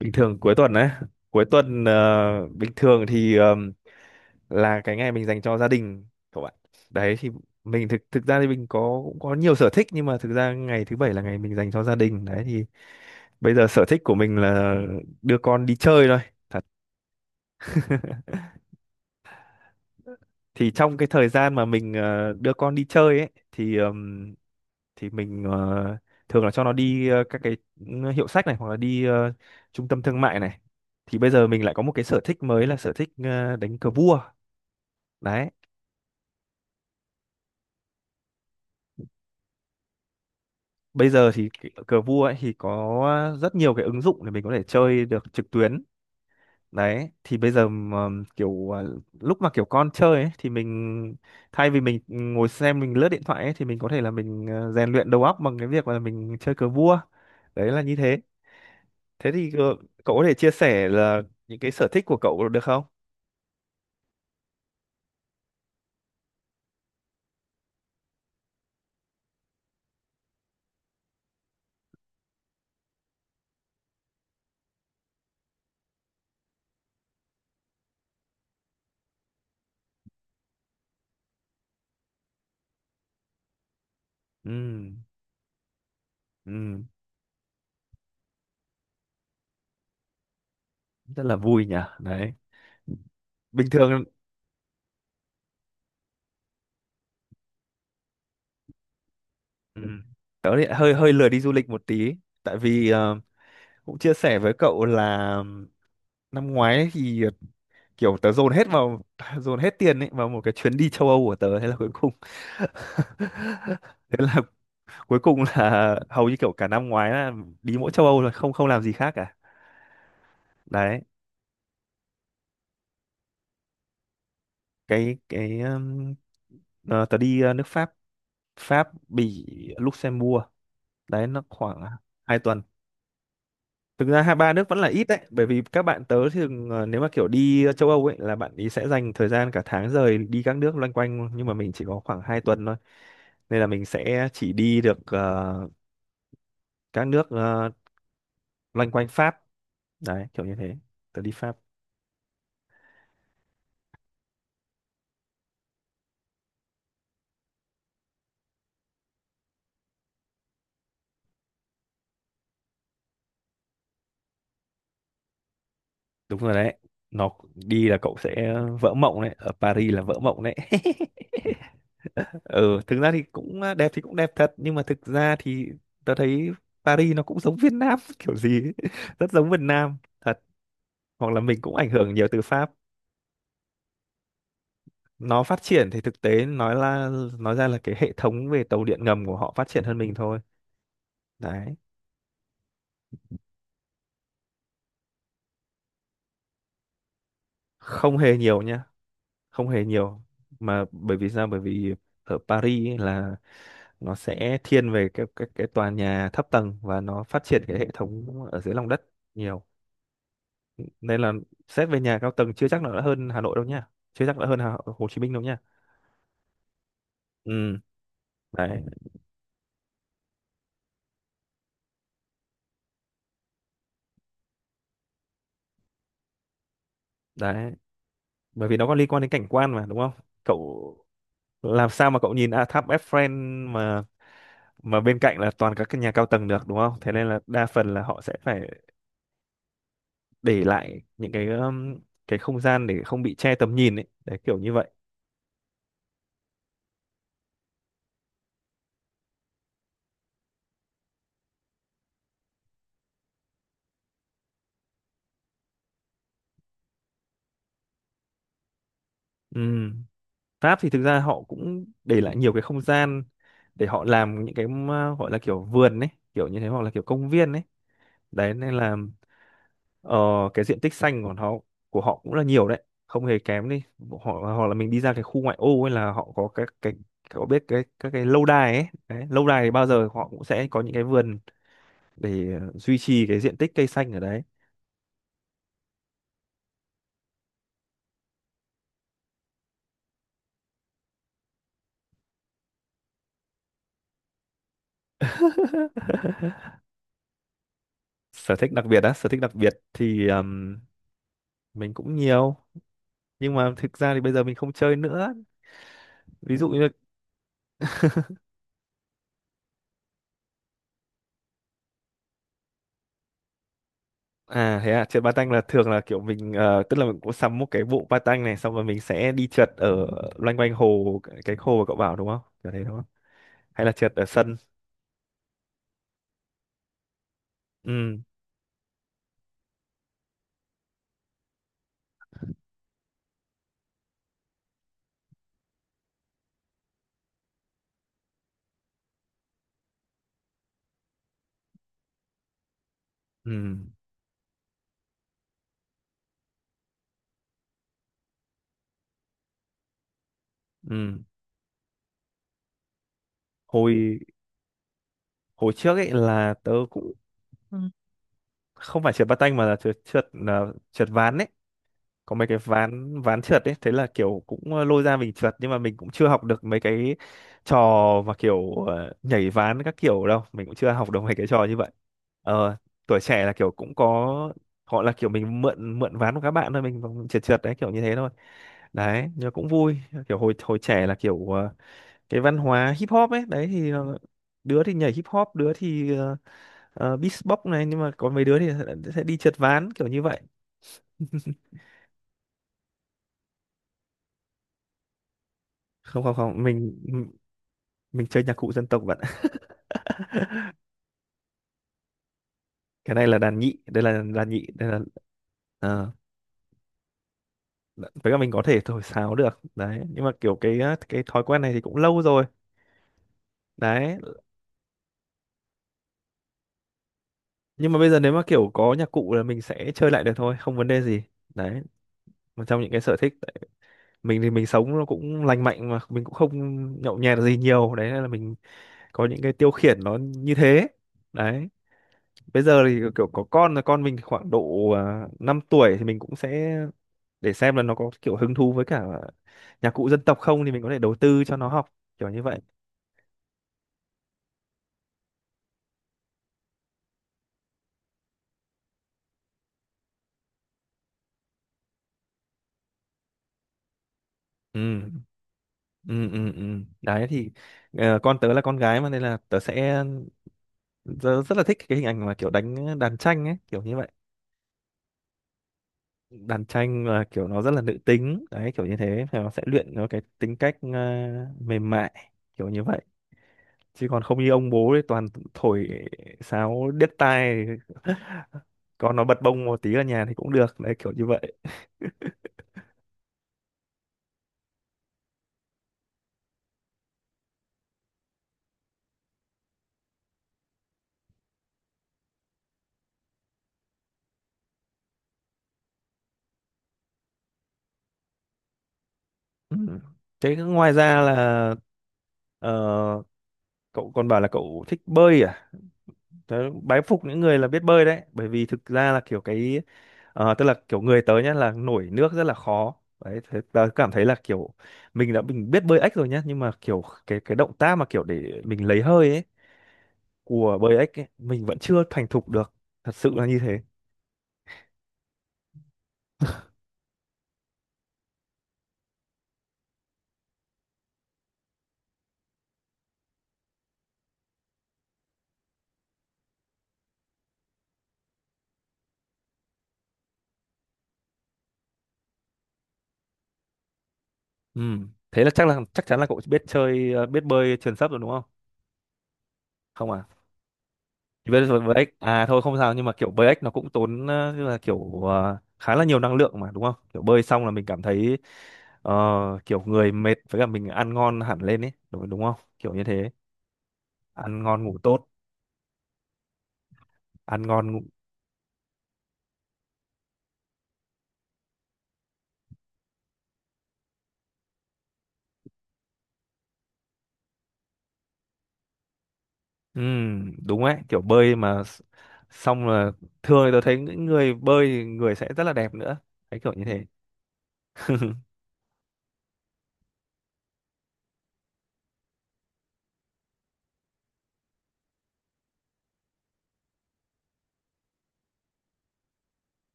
Bình thường cuối tuần đấy. Cuối tuần bình thường thì là cái ngày mình dành cho gia đình, các bạn. Đấy thì mình thực thực ra thì mình có, cũng có nhiều sở thích, nhưng mà thực ra ngày thứ bảy là ngày mình dành cho gia đình. Đấy thì bây giờ sở thích của mình là đưa con đi chơi thôi. Thì trong cái thời gian mà mình đưa con đi chơi ấy thì mình thường là cho nó đi các cái hiệu sách này, hoặc là đi trung tâm thương mại này. Thì bây giờ mình lại có một cái sở thích mới là sở thích đánh cờ vua. Đấy. Bây giờ thì cái cờ vua ấy thì có rất nhiều cái ứng dụng để mình có thể chơi được trực tuyến. Đấy, thì bây giờ mà kiểu lúc mà kiểu con chơi ấy, thì mình thay vì mình ngồi xem mình lướt điện thoại ấy, thì mình có thể là mình rèn luyện đầu óc bằng cái việc là mình chơi cờ vua. Đấy là như thế. Thế thì cậu có thể chia sẻ là những cái sở thích của cậu được không? Ừ. Ừ, rất là vui nhỉ. Đấy. Bình thường. Ừ, tớ thì hơi hơi lười đi du lịch một tí, tại vì cũng chia sẻ với cậu là năm ngoái ấy thì kiểu tớ dồn hết vào dồn hết tiền ấy vào một cái chuyến đi châu Âu của tớ, thế là cuối cùng thế là cuối cùng là hầu như kiểu cả năm ngoái là đi mỗi châu Âu rồi, không không làm gì khác cả. Đấy. Cái Tớ đi nước Pháp Pháp Bỉ, Luxembourg. Đấy nó khoảng 2 tuần. Thực ra hai ba nước vẫn là ít đấy, bởi vì các bạn tớ thường nếu mà kiểu đi châu Âu ấy là bạn ý sẽ dành thời gian cả tháng, rời đi các nước loanh quanh, nhưng mà mình chỉ có khoảng 2 tuần thôi. Nên là mình sẽ chỉ đi được các nước loanh quanh Pháp. Đấy kiểu như thế. Tớ đi Pháp. Đúng rồi đấy. Nó đi là cậu sẽ vỡ mộng đấy, ở Paris là vỡ mộng đấy. Ừ, thực ra thì cũng đẹp, thì cũng đẹp thật, nhưng mà thực ra thì tớ thấy Paris nó cũng giống Việt Nam kiểu gì ấy. Rất giống Việt Nam thật. Hoặc là mình cũng ảnh hưởng nhiều từ Pháp. Nó phát triển thì thực tế nói ra là cái hệ thống về tàu điện ngầm của họ phát triển hơn mình thôi. Đấy. Không hề nhiều nha. Không hề nhiều. Mà bởi vì sao? Bởi vì ở Paris ấy là nó sẽ thiên về cái tòa nhà thấp tầng, và nó phát triển cái hệ thống ở dưới lòng đất nhiều. Nên là xét về nhà cao tầng chưa chắc là đã hơn Hà Nội đâu nha, chưa chắc đã hơn Hồ Chí Minh đâu nha. Ừ. Đấy. Đấy bởi vì nó có liên quan đến cảnh quan mà đúng không cậu? Làm sao mà cậu nhìn tháp Eiffel mà bên cạnh là toàn các cái nhà cao tầng được đúng không? Thế nên là đa phần là họ sẽ phải để lại những cái không gian để không bị che tầm nhìn ấy, đấy kiểu như vậy. Ừm. Pháp thì thực ra họ cũng để lại nhiều cái không gian để họ làm những cái mà gọi là kiểu vườn ấy, kiểu như thế, hoặc là kiểu công viên ấy. Đấy nên là ờ, cái diện tích xanh của họ cũng là nhiều đấy, không hề kém đi họ. Hoặc là mình đi ra cái khu ngoại ô ấy là họ có các cái, có biết cái, các cái lâu đài ấy đấy, lâu đài thì bao giờ họ cũng sẽ có những cái vườn để duy trì cái diện tích cây xanh ở đấy. Sở thích đặc biệt á? Sở thích đặc biệt thì mình cũng nhiều, nhưng mà thực ra thì bây giờ mình không chơi nữa. Ví dụ như... À thế à? Trượt patin là thường là kiểu mình tức là mình cũng sắm một cái bộ patin này, xong rồi mình sẽ đi trượt ở loanh quanh hồ, cái hồ mà cậu bảo đúng không, kiểu thế đúng không? Hay là trượt ở sân. Ừ, ừ, ừ. Hồi hồi trước ấy là tớ cũng không phải trượt patin mà là trượt trượt là trượt ván ấy. Có mấy cái ván ván trượt ấy, thế là kiểu cũng lôi ra mình trượt, nhưng mà mình cũng chưa học được mấy cái trò mà kiểu nhảy ván các kiểu đâu, mình cũng chưa học được mấy cái trò như vậy. ờ Tuổi trẻ là kiểu cũng có họ, là kiểu mình mượn mượn ván của các bạn thôi, mình vòng trượt trượt đấy, kiểu như thế thôi. Đấy nhưng mà cũng vui. Kiểu hồi hồi trẻ là kiểu cái văn hóa hip hop ấy, đấy thì đứa thì nhảy hip hop, đứa thì beatbox này, nhưng mà có mấy đứa thì sẽ đi trượt ván kiểu như vậy. Không, không, không. Mình chơi nhạc cụ dân tộc bạn ạ. Cái này là đàn nhị, đây là đàn nhị. Đây là ờ, với cả mình có thể thổi sáo được đấy, nhưng mà kiểu cái thói quen này thì cũng lâu rồi. Đấy, nhưng mà bây giờ nếu mà kiểu có nhạc cụ là mình sẽ chơi lại được thôi, không vấn đề gì. Đấy, một trong những cái sở thích đấy. Mình thì mình sống nó cũng lành mạnh mà mình cũng không nhậu nhẹt gì nhiều, đấy nên là mình có những cái tiêu khiển nó như thế. Đấy. Bây giờ thì kiểu có con rồi, con mình thì khoảng độ 5 tuổi thì mình cũng sẽ để xem là nó có kiểu hứng thú với cả nhạc cụ dân tộc không thì mình có thể đầu tư cho nó học, kiểu như vậy. Ừ, ừ, ừ, ừ. Đấy thì con tớ là con gái mà nên là tớ rất là thích cái hình ảnh mà kiểu đánh đàn tranh ấy, kiểu như vậy. Đàn tranh là kiểu nó rất là nữ tính đấy, kiểu như thế. Thì nó sẽ luyện nó cái tính cách mềm mại, kiểu như vậy. Chứ còn không như ông bố ấy toàn thổi sáo điếc tai. Còn nó bật bông một tí ở nhà thì cũng được đấy, kiểu như vậy. Ừ. Thế ngoài ra là ờ, cậu còn bảo là cậu thích bơi à? Tớ bái phục những người là biết bơi đấy, bởi vì thực ra là tức là kiểu người tớ nhá là nổi nước rất là khó đấy. Thế tớ cảm thấy là kiểu mình biết bơi ếch rồi nhá, nhưng mà kiểu cái động tác mà kiểu để mình lấy hơi ấy, của bơi ếch ấy, mình vẫn chưa thành thục được, thật sự là như thế. Ừ. Thế là chắc chắn là cậu biết bơi truyền sấp rồi đúng không? Không à? Vâng, rồi Black à thôi, không sao, nhưng mà kiểu Black nó cũng tốn tức là kiểu khá là nhiều năng lượng mà đúng không, kiểu bơi xong là mình cảm thấy ờ, kiểu người mệt với cả mình ăn ngon hẳn lên ấy, đúng không kiểu như thế? Ăn ngon ngủ tốt. Ăn ngon ngủ đúng ấy. Kiểu bơi mà xong là thường thì tôi thấy những người bơi thì người sẽ rất là đẹp nữa, thấy kiểu như thế.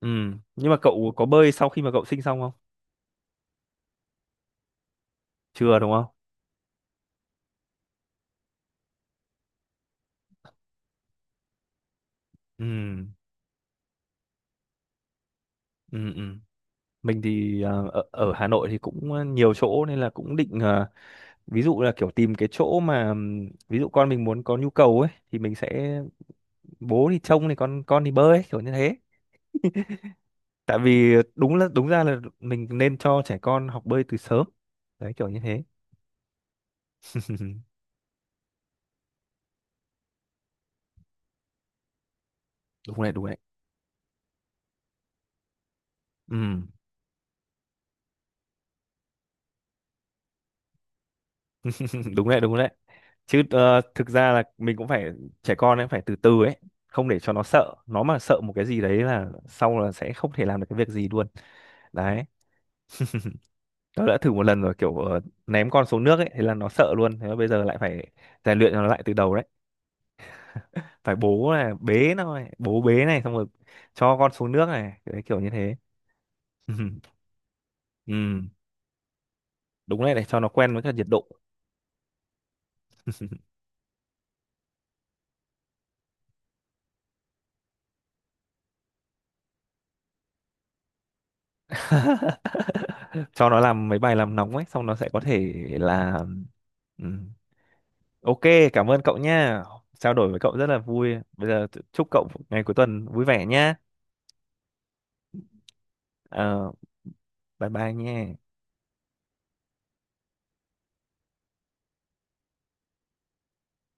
Nhưng mà cậu có bơi sau khi mà cậu sinh xong không? Chưa đúng không? Ừm, ừm, ừm. Mình thì ở Hà Nội thì cũng nhiều chỗ nên là cũng định ví dụ là kiểu tìm cái chỗ mà ví dụ con mình muốn có nhu cầu ấy thì mình sẽ bố thì trông thì con thì bơi ấy, kiểu như thế. Tại vì đúng ra là mình nên cho trẻ con học bơi từ sớm đấy, kiểu như thế. Đúng đấy, đúng đấy. Ừm. Đúng đấy, đúng đấy. Chứ thực ra là mình cũng phải, trẻ con ấy phải từ từ ấy, không để cho nó sợ, nó mà sợ một cái gì đấy là sau là sẽ không thể làm được cái việc gì luôn. Đấy. Tớ đã thử một lần rồi kiểu ném con xuống nước ấy, thế là nó sợ luôn. Thế mà bây giờ lại phải rèn luyện nó lại từ đầu đấy, phải bố này, bế nó này, bố bế này, xong rồi cho con xuống nước này, đấy kiểu như thế. Ừ, đúng đấy, để cho nó quen với cả nhiệt độ. Cho nó làm mấy bài làm nóng ấy xong nó sẽ có thể là. Ừ. Ok, cảm ơn cậu nha, trao đổi với cậu rất là vui. Bây giờ chúc cậu ngày cuối tuần vui vẻ nhá. Ờ, bye bye nha.